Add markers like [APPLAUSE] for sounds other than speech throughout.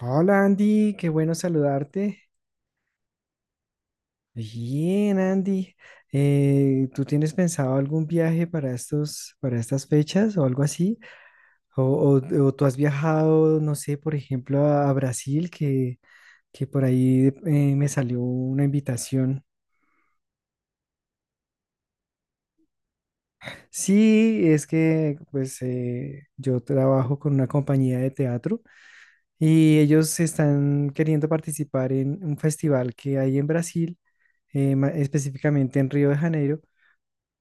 Hola Andy, qué bueno saludarte. Bien, Andy. ¿Tú tienes pensado algún viaje para estas fechas o algo así? O tú has viajado, no sé, por ejemplo, a Brasil, que por ahí me salió una invitación. Sí, es que pues yo trabajo con una compañía de teatro y ellos están queriendo participar en un festival que hay en Brasil, específicamente en Río de Janeiro.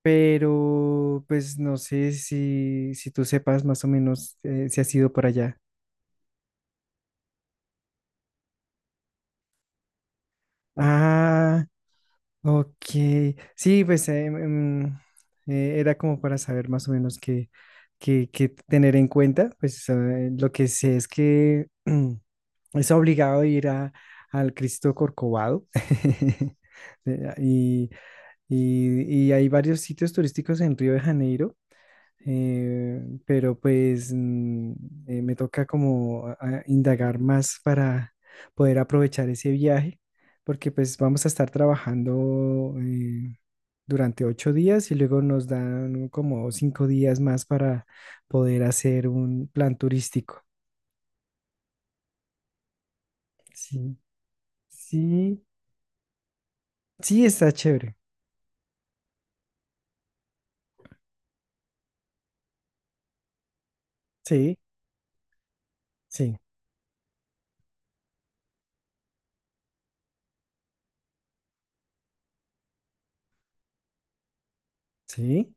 Pero pues no sé si tú sepas más o menos si has ido por allá. Ah, ok. Sí, pues em, era como para saber más o menos qué tener en cuenta. Pues lo que sé es que es obligado ir al Cristo Corcovado. [LAUGHS] Eh, Y, y hay varios sitios turísticos en Río de Janeiro, pero pues me toca como a indagar más para poder aprovechar ese viaje, porque pues vamos a estar trabajando durante 8 días y luego nos dan como 5 días más para poder hacer un plan turístico. Sí, sí, sí, está chévere. Sí, sí, sí.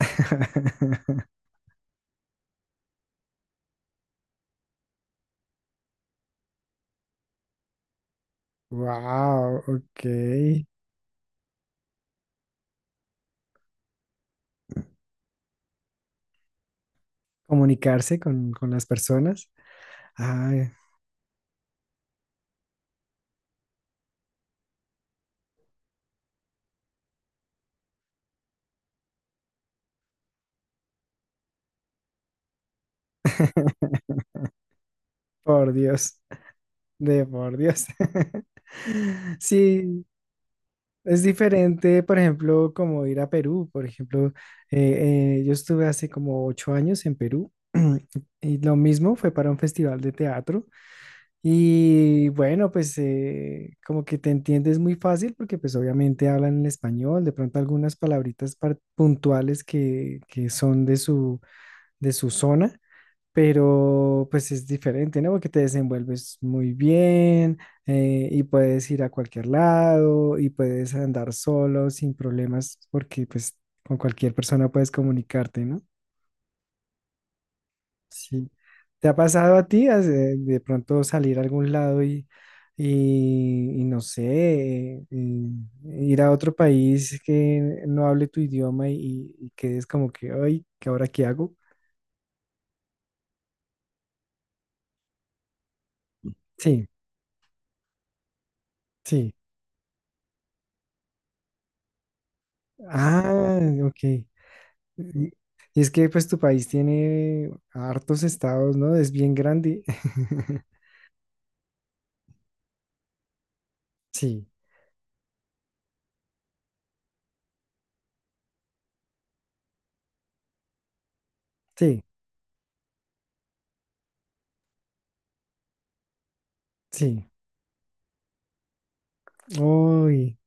[LAUGHS] Wow, ok. Comunicarse con las personas. Ah, [LAUGHS] Por Dios, de por Dios. [LAUGHS] Sí, es diferente, por ejemplo, como ir a Perú. Por ejemplo, yo estuve hace como 8 años en Perú. [CLEARS THROAT] Y lo mismo fue para un festival de teatro. Y bueno, pues como que te entiendes muy fácil porque pues obviamente hablan en español, de pronto algunas palabritas puntuales que son de de su zona. Pero pues es diferente, ¿no? Porque te desenvuelves muy bien, y puedes ir a cualquier lado y puedes andar solo sin problemas porque pues con cualquier persona puedes comunicarte, ¿no? Sí. ¿Te ha pasado a ti has, de pronto salir a algún lado y no sé, y ir a otro país que no hable tu idioma, y quedes como que, ay, ¿qué ahora qué hago? Sí, sí. Ah, ok. Y y es que pues tu país tiene hartos estados, ¿no? Es bien grande. [LAUGHS] Sí, sí, sí. Uy,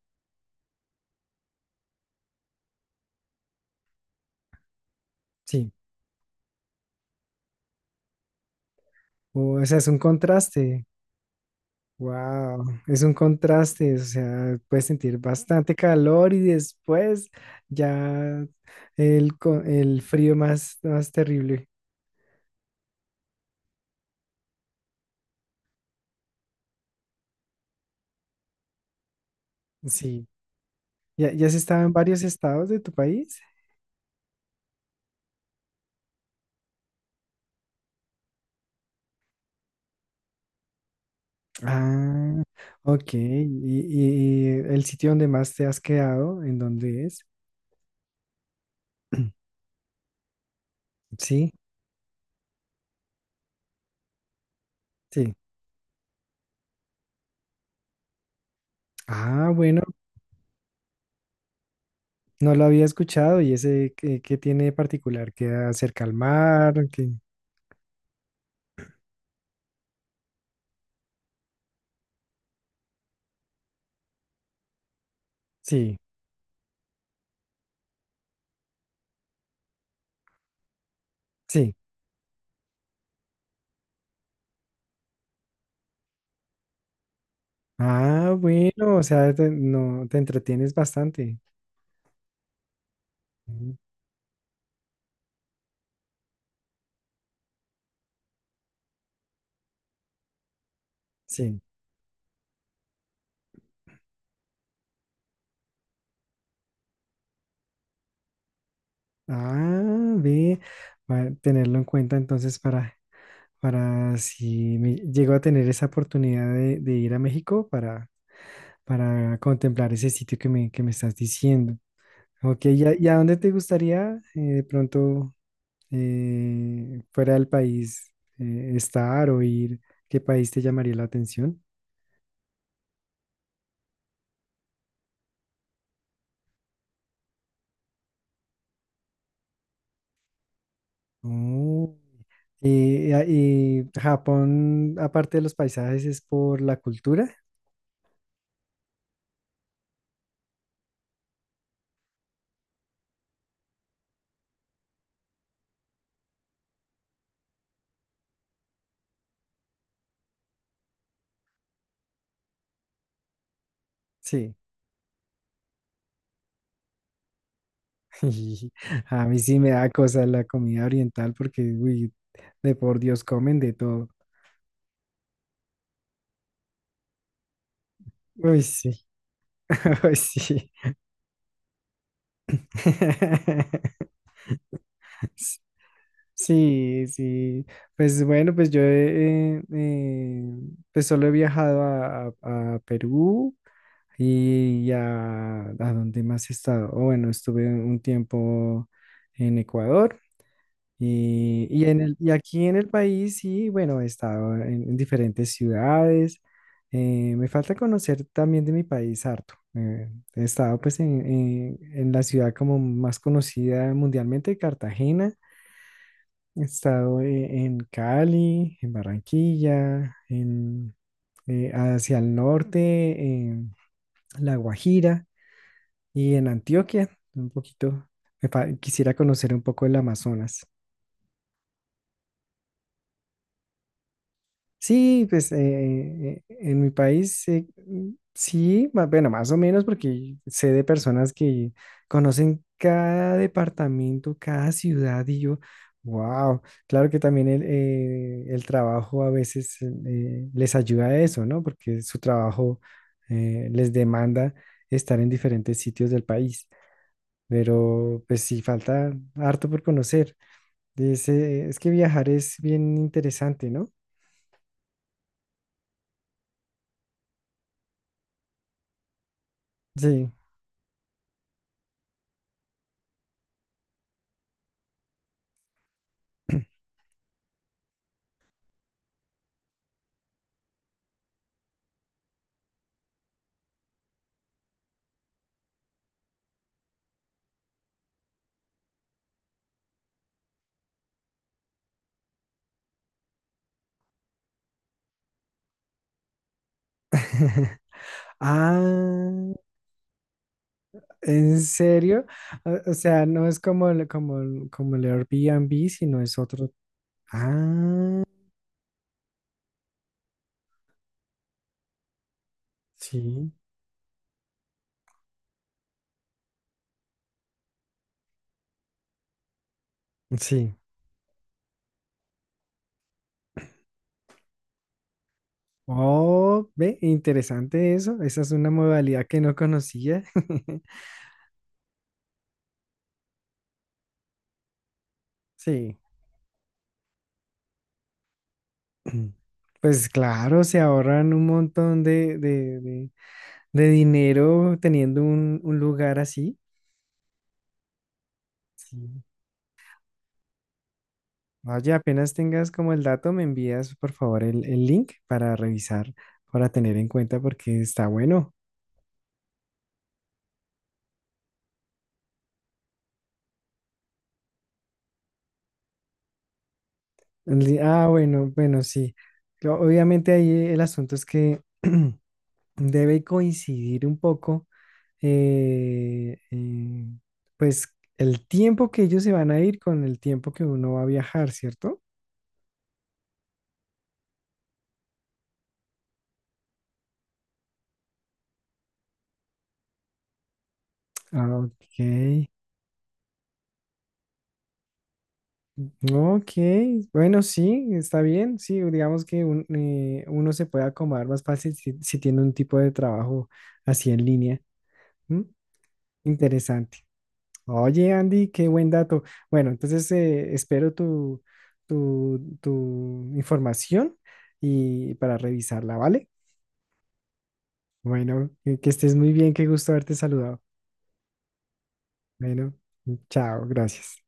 sí. O sea, es un contraste. Wow, es un contraste. O sea, puedes sentir bastante calor y después ya el frío más, más terrible. Sí. ¿Ya, ya has estado en varios estados de tu país? Ah, ok. ¿Y el sitio donde más te has quedado, en dónde es? Sí, sí. Ah, bueno, no lo había escuchado. ¿Y ese qué, tiene de particular? ¿Qué acerca al mar? Que sí, sí. Ah, bueno, o sea, te, no, te entretienes bastante. Mm, sí. Ah, ve, va a tenerlo en cuenta entonces para si me llego a tener esa oportunidad de ir a México para, contemplar ese sitio que me estás diciendo. Ok, ¿y a dónde te gustaría de pronto, fuera del país, estar o ir? ¿Qué país te llamaría la atención? Oh. Y Japón, aparte de los paisajes, es por la cultura. Sí. [LAUGHS] A mí sí me da cosa la comida oriental porque, uy, de por Dios comen de todo. Uy, sí. [LAUGHS] Uy, sí. [LAUGHS] Sí, sí. Pues bueno, pues pues solo he viajado a Perú. ¿Y ya a dónde más he estado? O bueno, estuve un tiempo en Ecuador y y aquí en el país, y bueno, he estado en diferentes ciudades. Me falta conocer también de mi país harto. He estado pues en la ciudad como más conocida mundialmente, Cartagena. He estado, en Cali, en Barranquilla, en, hacia el norte, en La Guajira. Y en Antioquia, un poquito. Quisiera conocer un poco el Amazonas. Sí, pues en mi país, sí, bueno, más o menos, porque sé de personas que conocen cada departamento, cada ciudad, y yo, wow. Claro que también el trabajo a veces les ayuda a eso, ¿no? Porque su trabajo les demanda estar en diferentes sitios del país, pero pues sí, falta harto por conocer. Dice, es que viajar es bien interesante, ¿no? Sí. [LAUGHS] Ah, ¿en serio? O sea, no es como el Airbnb, sino es otro. Ah, sí, sí. Oh, ve, interesante eso. Esa es una modalidad que no conocía. [LAUGHS] Sí. [CLEARS THROAT] Pues claro, se ahorran un montón de dinero teniendo un lugar así. Sí. Oye, apenas tengas como el dato, me envías por favor el link para revisar, para tener en cuenta porque está bueno. Ah, bueno, bueno, sí. Obviamente ahí el asunto es que [CLEARS THROAT] debe coincidir un poco, eh, eh, pues el tiempo que ellos se van a ir con el tiempo que uno va a viajar, ¿cierto? Ah, ok. Ok, bueno, sí, está bien, sí, digamos que uno se puede acomodar más fácil si tiene un tipo de trabajo así en línea. ¿M? Interesante. Oye, Andy, qué buen dato. Bueno, entonces espero tu información y para revisarla, ¿vale? Bueno, que estés muy bien, qué gusto haberte saludado. Bueno, chao, gracias.